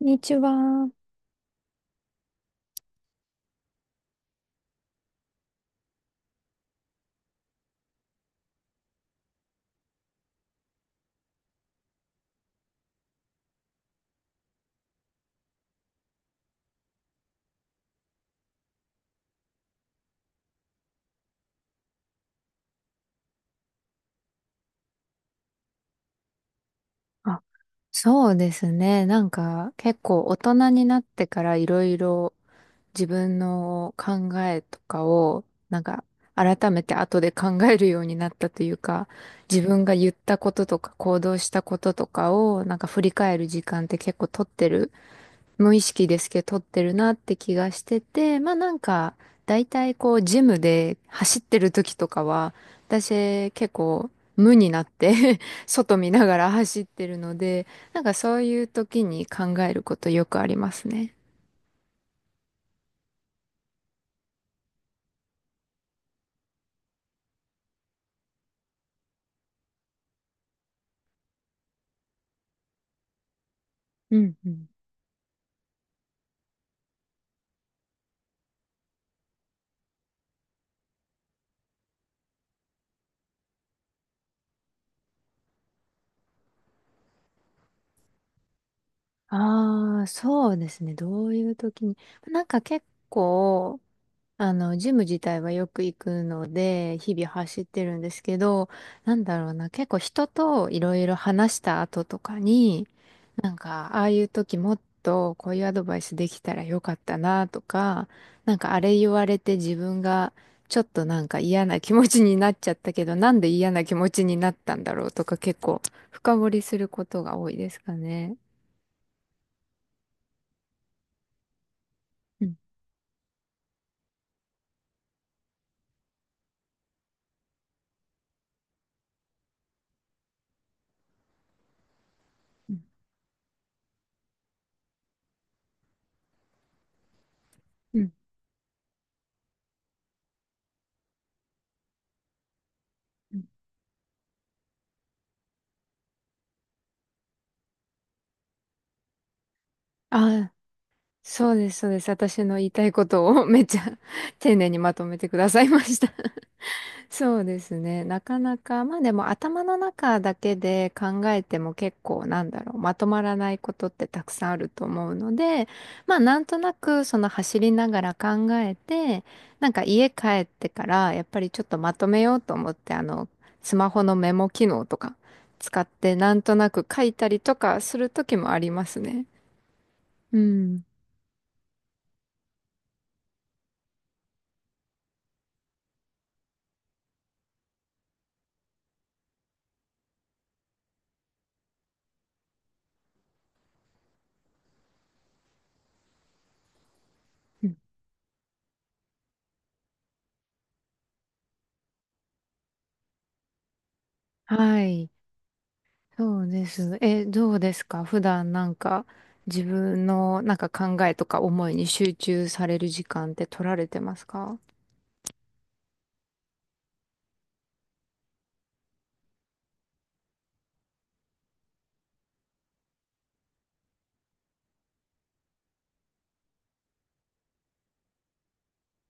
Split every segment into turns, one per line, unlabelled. こんにちは。あ、そうですね。なんか結構大人になってからいろいろ自分の考えとかをなんか改めて後で考えるようになったというか、自分が言ったこととか行動したこととかを振り返る時間って結構取ってる、無意識ですけど取ってるなって気がしてて、だいたいこう、ジムで走ってる時とかは、私結構無になって 外見ながら走ってるので、なんかそういう時に考えることよくありますね。うんうん。ああ、そうですね。どういう時に。なんか結構、ジム自体はよく行くので、日々走ってるんですけど、なんだろうな、結構人といろいろ話した後とかに、なんか、ああいう時もっとこういうアドバイスできたらよかったなとか、なんかあれ言われて自分がちょっとなんか嫌な気持ちになっちゃったけど、なんで嫌な気持ちになったんだろうとか結構深掘りすることが多いですかね。うんうんうんうん。ああ、そうです、そうです。私の言いたいことを めっちゃ丁寧にまとめてくださいました。 そうですね。なかなか、まあでも頭の中だけで考えても結構、なんだろう、まとまらないことってたくさんあると思うので、まあなんとなくその走りながら考えて、なんか家帰ってからやっぱりちょっとまとめようと思って、スマホのメモ機能とか使ってなんとなく書いたりとかする時もありますね。うん。うん。はい。そうです。え、どうですか、普段なんか自分のなんか考えとか思いに集中される時間って取られてますか？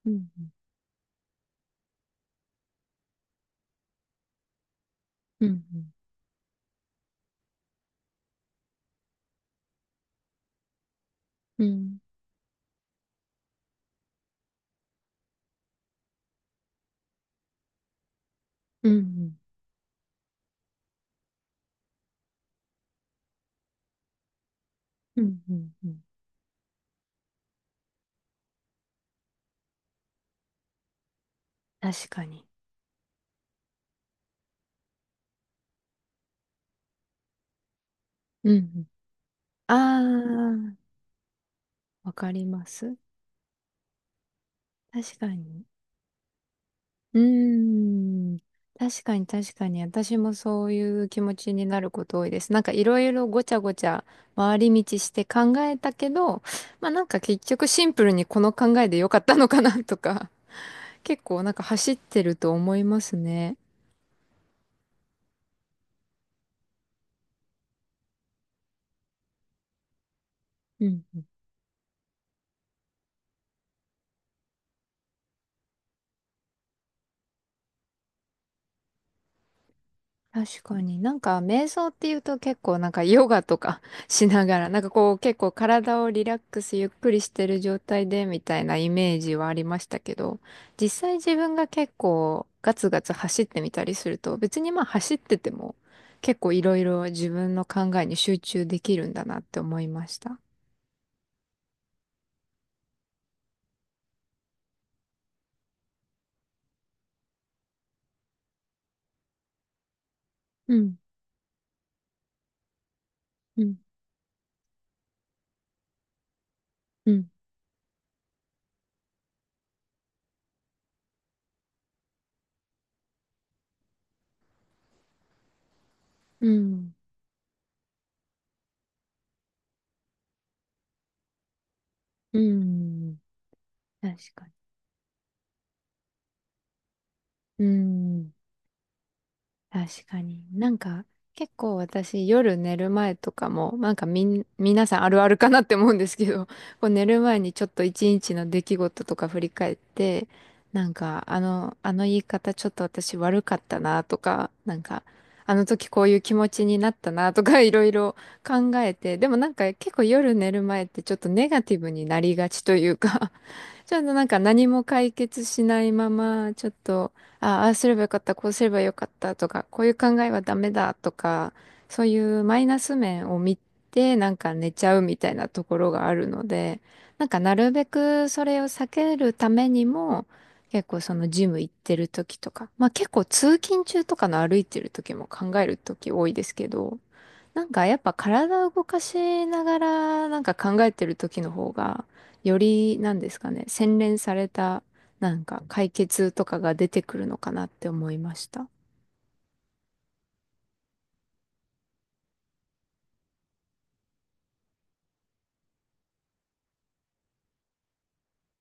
うん、うん、うん、うん、うん、うん、うん、うん。確かに。うん、うん。あー、わかります。確かに。うーん。確かに確かに。私もそういう気持ちになること多いです。なんかいろいろごちゃごちゃ回り道して考えたけど、まあなんか結局シンプルにこの考えでよかったのかなとか、結構なんか走ってると思いますね。うん。確かに、なんか瞑想っていうと結構なんかヨガとか しながらなんかこう結構体をリラックスゆっくりしてる状態でみたいなイメージはありましたけど、実際自分が結構ガツガツ走ってみたりすると、別にまあ走ってても結構いろいろ自分の考えに集中できるんだなって思いました。うん、うん、うん、うん、うん、確かに。うん、確かに。なんか、結構私夜寝る前とかも、なんかみん、皆さんあるあるかなって思うんですけど、こう寝る前にちょっと一日の出来事とか振り返って、なんか、あの言い方ちょっと私悪かったなとか、なんか、あの時こういう気持ちになったなとか、 いろいろ考えて、でもなんか結構夜寝る前ってちょっとネガティブになりがちというか、ちょっとなんか何も解決しないまま、ちょっとああーすればよかった、こうすればよかったとか、こういう考えはダメだとか、そういうマイナス面を見て、なんか寝ちゃうみたいなところがあるので、なんかなるべくそれを避けるためにも、結構そのジム行ってる時とか、まあ結構通勤中とかの歩いてる時も考える時多いですけど、なんかやっぱ体を動かしながらなんか考えてる時の方が、よりなんですかね、洗練されたなんか解決とかが出てくるのかなって思いました。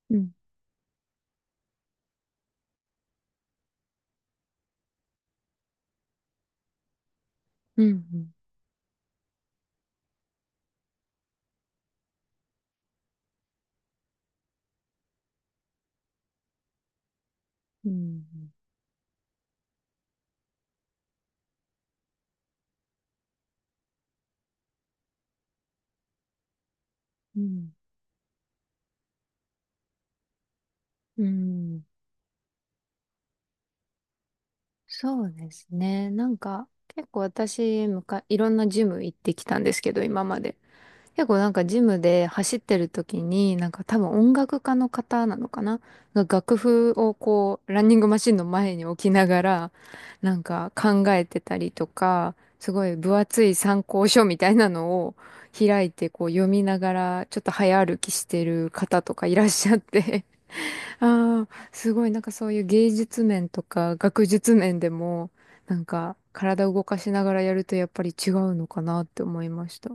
うん。うん。うん、うん、うん。そうですね。なんか結構私、いろんなジム行ってきたんですけど今まで。結構なんかジムで走ってる時に、なんか多分音楽家の方なのかなが、楽譜をこう、ランニングマシンの前に置きながら、なんか考えてたりとか、すごい分厚い参考書みたいなのを開いてこう読みながら、ちょっと早歩きしてる方とかいらっしゃって、 ああ、すごいなんかそういう芸術面とか学術面でも、なんか体を動かしながらやるとやっぱり違うのかなって思いました。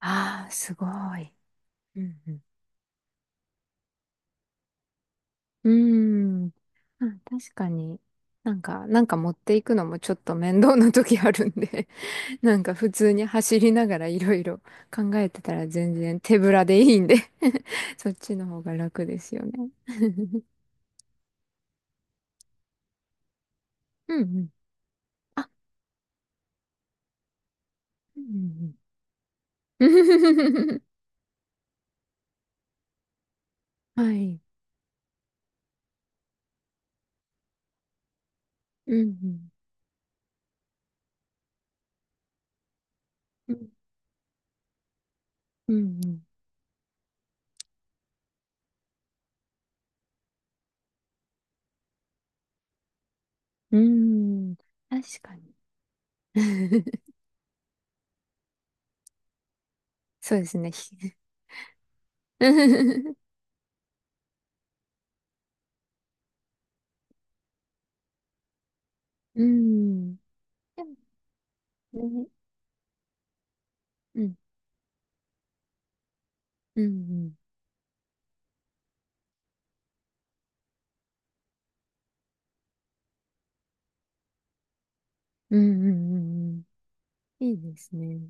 ああ、すごい。うんうん。うーん。あ、確かに。なんか、なんか持っていくのもちょっと面倒な時あるんで、なんか普通に走りながらいろいろ考えてたら全然手ぶらでいいんで。 そっちの方が楽ですよね。うんうん。あ、うんうんうん。はい。うんうん。うんうん。うーん。確かに。そうですね。うん。でもね、うん、うん、うん、うん、うん、うんうん、いいですね。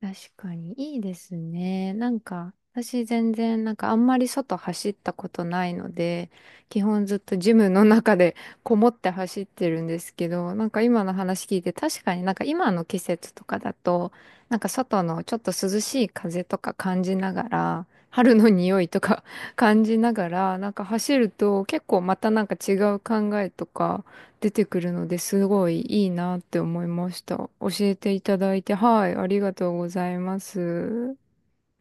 確かに、いいですね。なんか、私全然、なんかあんまり外走ったことないので、基本ずっとジムの中でこもって走ってるんですけど、なんか今の話聞いて、確かになんか今の季節とかだと、なんか外のちょっと涼しい風とか感じながら、春の匂いとか 感じながら、なんか走ると結構またなんか違う考えとか、出てくるのですごいいいなって思いました。教えていただいて、はい、ありがとうございます。